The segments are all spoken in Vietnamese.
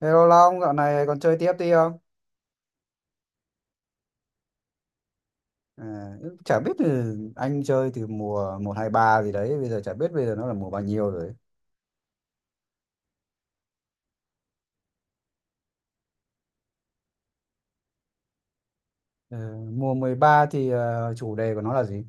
Hello Long, dạo này còn chơi tiếp đi không? À, chả biết từ anh chơi từ mùa một 2 3 gì đấy, bây giờ chả biết bây giờ nó là mùa bao nhiêu rồi. Ờ, mùa 13 thì chủ đề của nó là gì?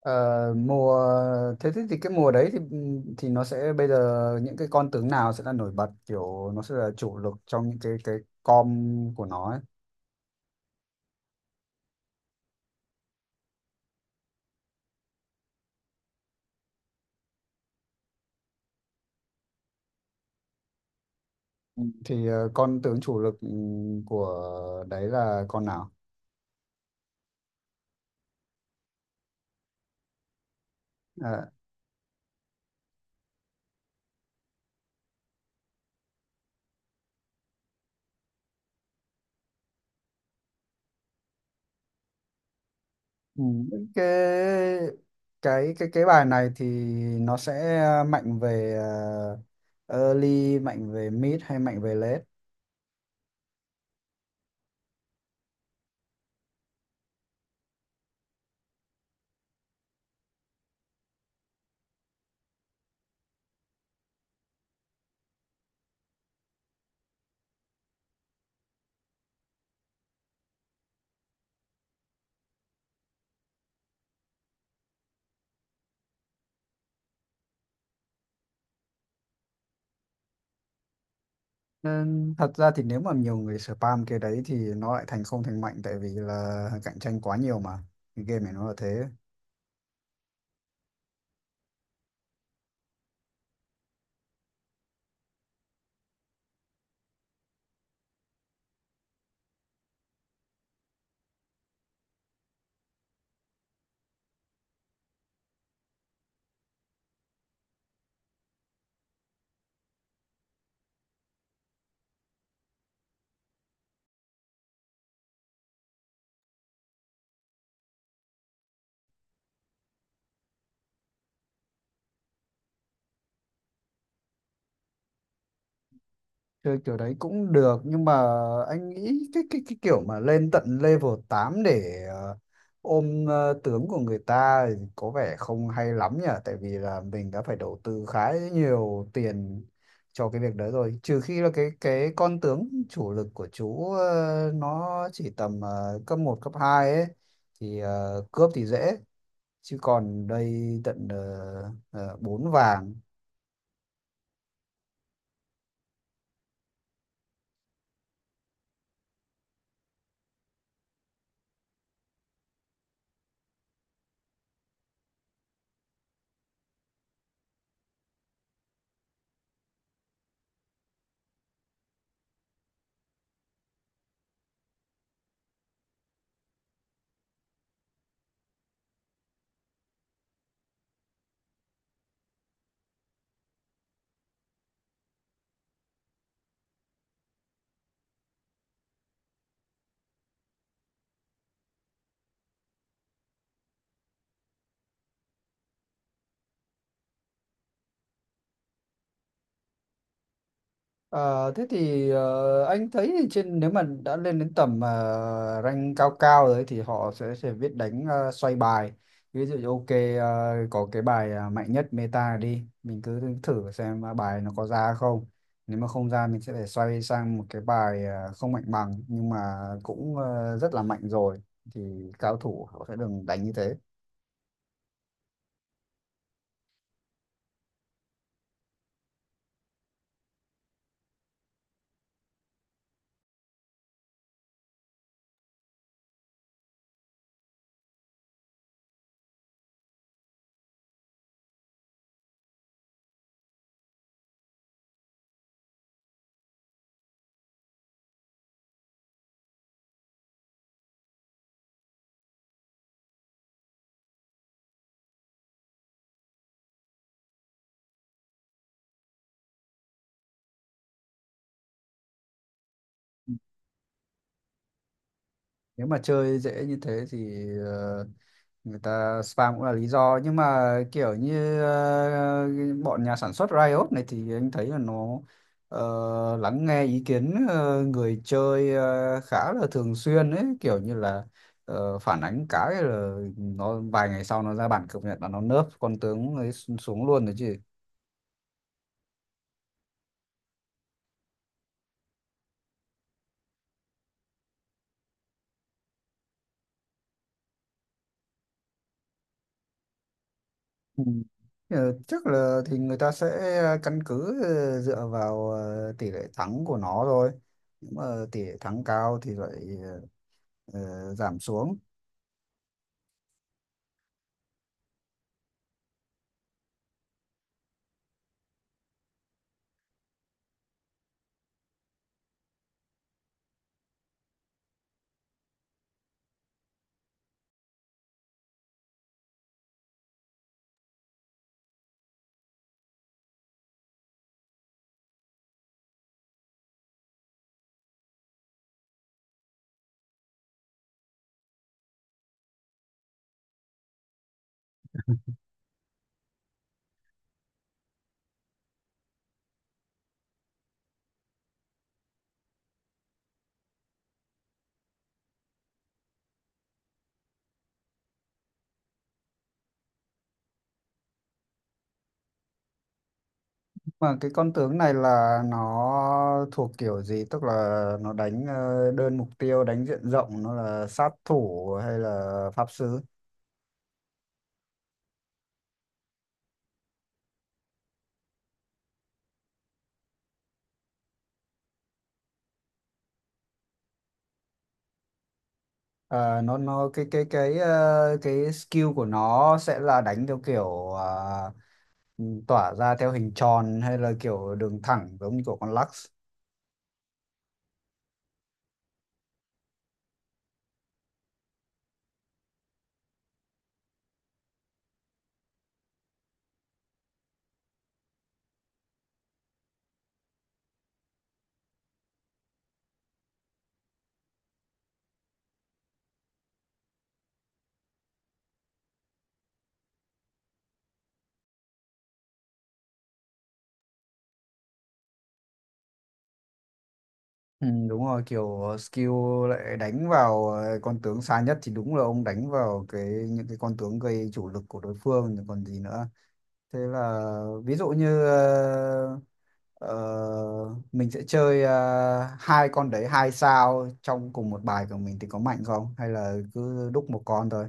Ờ, mùa Thế thì cái mùa đấy thì nó sẽ bây giờ những cái con tướng nào sẽ là nổi bật, kiểu nó sẽ là chủ lực trong những cái com của nó ấy. Ừ. Thì con tướng chủ lực, ừ, của đấy là con nào? À, ừ, cái cái bài này thì nó sẽ mạnh về ờ, early, mạnh về mid hay mạnh về late? Nên thật ra thì nếu mà nhiều người spam cái đấy thì nó lại thành không thành mạnh, tại vì là cạnh tranh quá nhiều mà cái game này nó là thế. Chơi kiểu đấy cũng được nhưng mà anh nghĩ cái kiểu mà lên tận level 8 để ờ, ôm tướng của người ta thì có vẻ không hay lắm nhỉ, tại vì là mình đã phải đầu tư khá nhiều tiền cho cái việc đấy rồi, trừ khi là cái con tướng chủ lực của chú nó chỉ tầm cấp một cấp 2 ấy thì cướp thì dễ, chứ còn đây tận 4 vàng. Ờ, Thế thì anh thấy thì trên nếu mà đã lên đến tầm rank cao cao rồi ấy thì họ sẽ biết đánh xoay bài. Ví dụ như ok, có cái bài mạnh nhất meta đi, mình cứ thử xem bài nó có ra không. Nếu mà không ra mình sẽ phải xoay sang một cái bài không mạnh bằng nhưng mà cũng rất là mạnh rồi, thì cao thủ họ sẽ đừng đánh như thế. Nếu mà chơi dễ như thế thì ờ, người ta spam cũng là lý do, nhưng mà kiểu như bọn nhà sản xuất Riot này thì anh thấy là nó ờ, lắng nghe ý kiến người chơi khá là thường xuyên ấy, kiểu như là phản ánh cái là nó vài ngày sau nó ra bản cập nhật là nó nerf con tướng ấy xuống luôn rồi chứ. Ừ. Chắc là thì người ta sẽ căn cứ dựa vào tỷ lệ thắng của nó thôi. Nếu mà tỷ lệ thắng cao thì lại ờ, giảm xuống. Mà cái con tướng này là nó thuộc kiểu gì? Tức là nó đánh đơn mục tiêu, đánh diện rộng, nó là sát thủ hay là pháp sư? À, nó cái skill của nó sẽ là đánh theo kiểu à, tỏa ra theo hình tròn hay là kiểu đường thẳng giống như của con Lux? Ừ, đúng rồi, kiểu skill lại đánh vào con tướng xa nhất thì đúng là ông đánh vào cái những cái con tướng gây chủ lực của đối phương rồi còn gì nữa. Thế là ví dụ như mình sẽ chơi hai con đấy hai sao trong cùng một bài của mình thì có mạnh không, hay là cứ đúc một con thôi?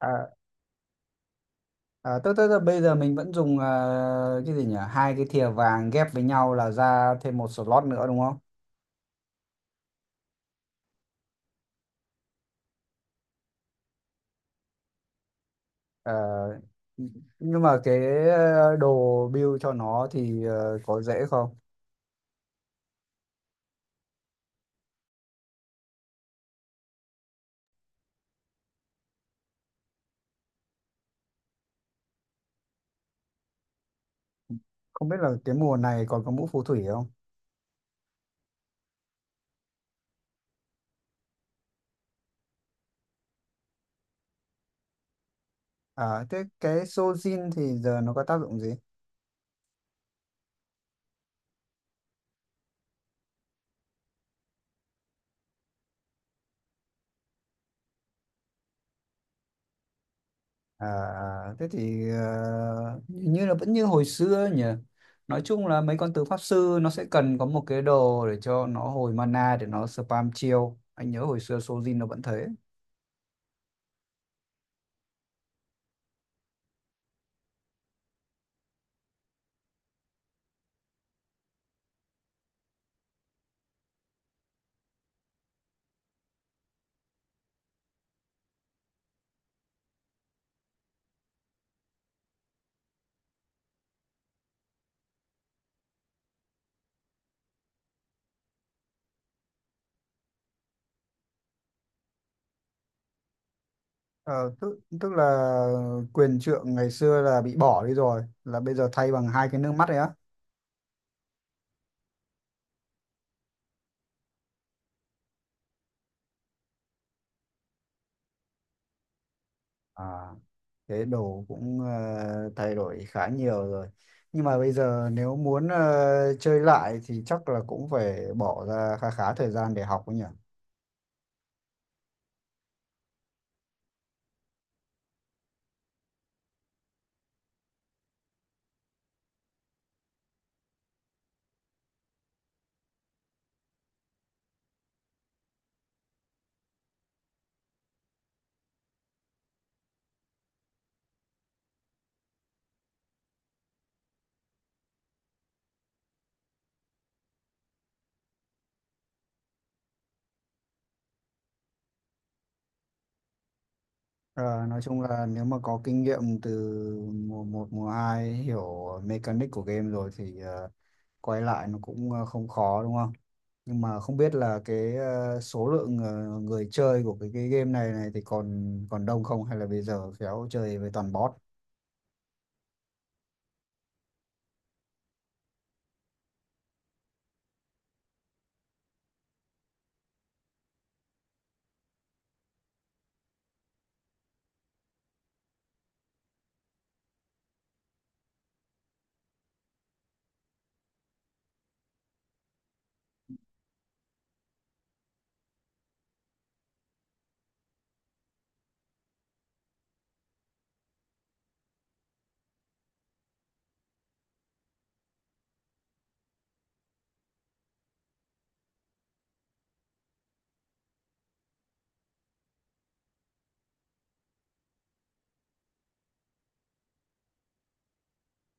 À, à, tức là bây giờ mình vẫn dùng cái gì nhỉ, hai cái thìa vàng ghép với nhau là ra thêm một slot nữa đúng không? Ờ, nhưng mà cái đồ build cho nó thì có dễ không? Không biết là cái mùa này còn có mũ phù thủy không? À, thế cái Sojin thì giờ nó có tác dụng gì? À, thế thì hình như là vẫn như hồi xưa nhỉ? Nói chung là mấy con tướng pháp sư nó sẽ cần có một cái đồ để cho nó hồi mana để nó spam chiêu. Anh nhớ hồi xưa Sojin nó vẫn thế. Ờ, tức là quyền trượng ngày xưa là bị bỏ đi rồi, là bây giờ thay bằng hai cái nước mắt ấy á. À, thế đồ cũng thay đổi khá nhiều rồi. Nhưng mà bây giờ nếu muốn chơi lại thì chắc là cũng phải bỏ ra khá khá thời gian để học ấy nhỉ. Ờ, nói chung là nếu mà có kinh nghiệm từ mùa một mùa hai, hiểu mechanic của game rồi thì quay lại nó cũng không khó đúng không? Nhưng mà không biết là cái số lượng người chơi của cái game này này thì còn còn đông không, hay là bây giờ khéo chơi với toàn bot?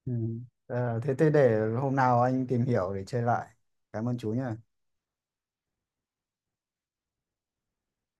Ừ. Ờ, thế thế để hôm nào anh tìm hiểu để chơi lại. Cảm ơn chú nhé.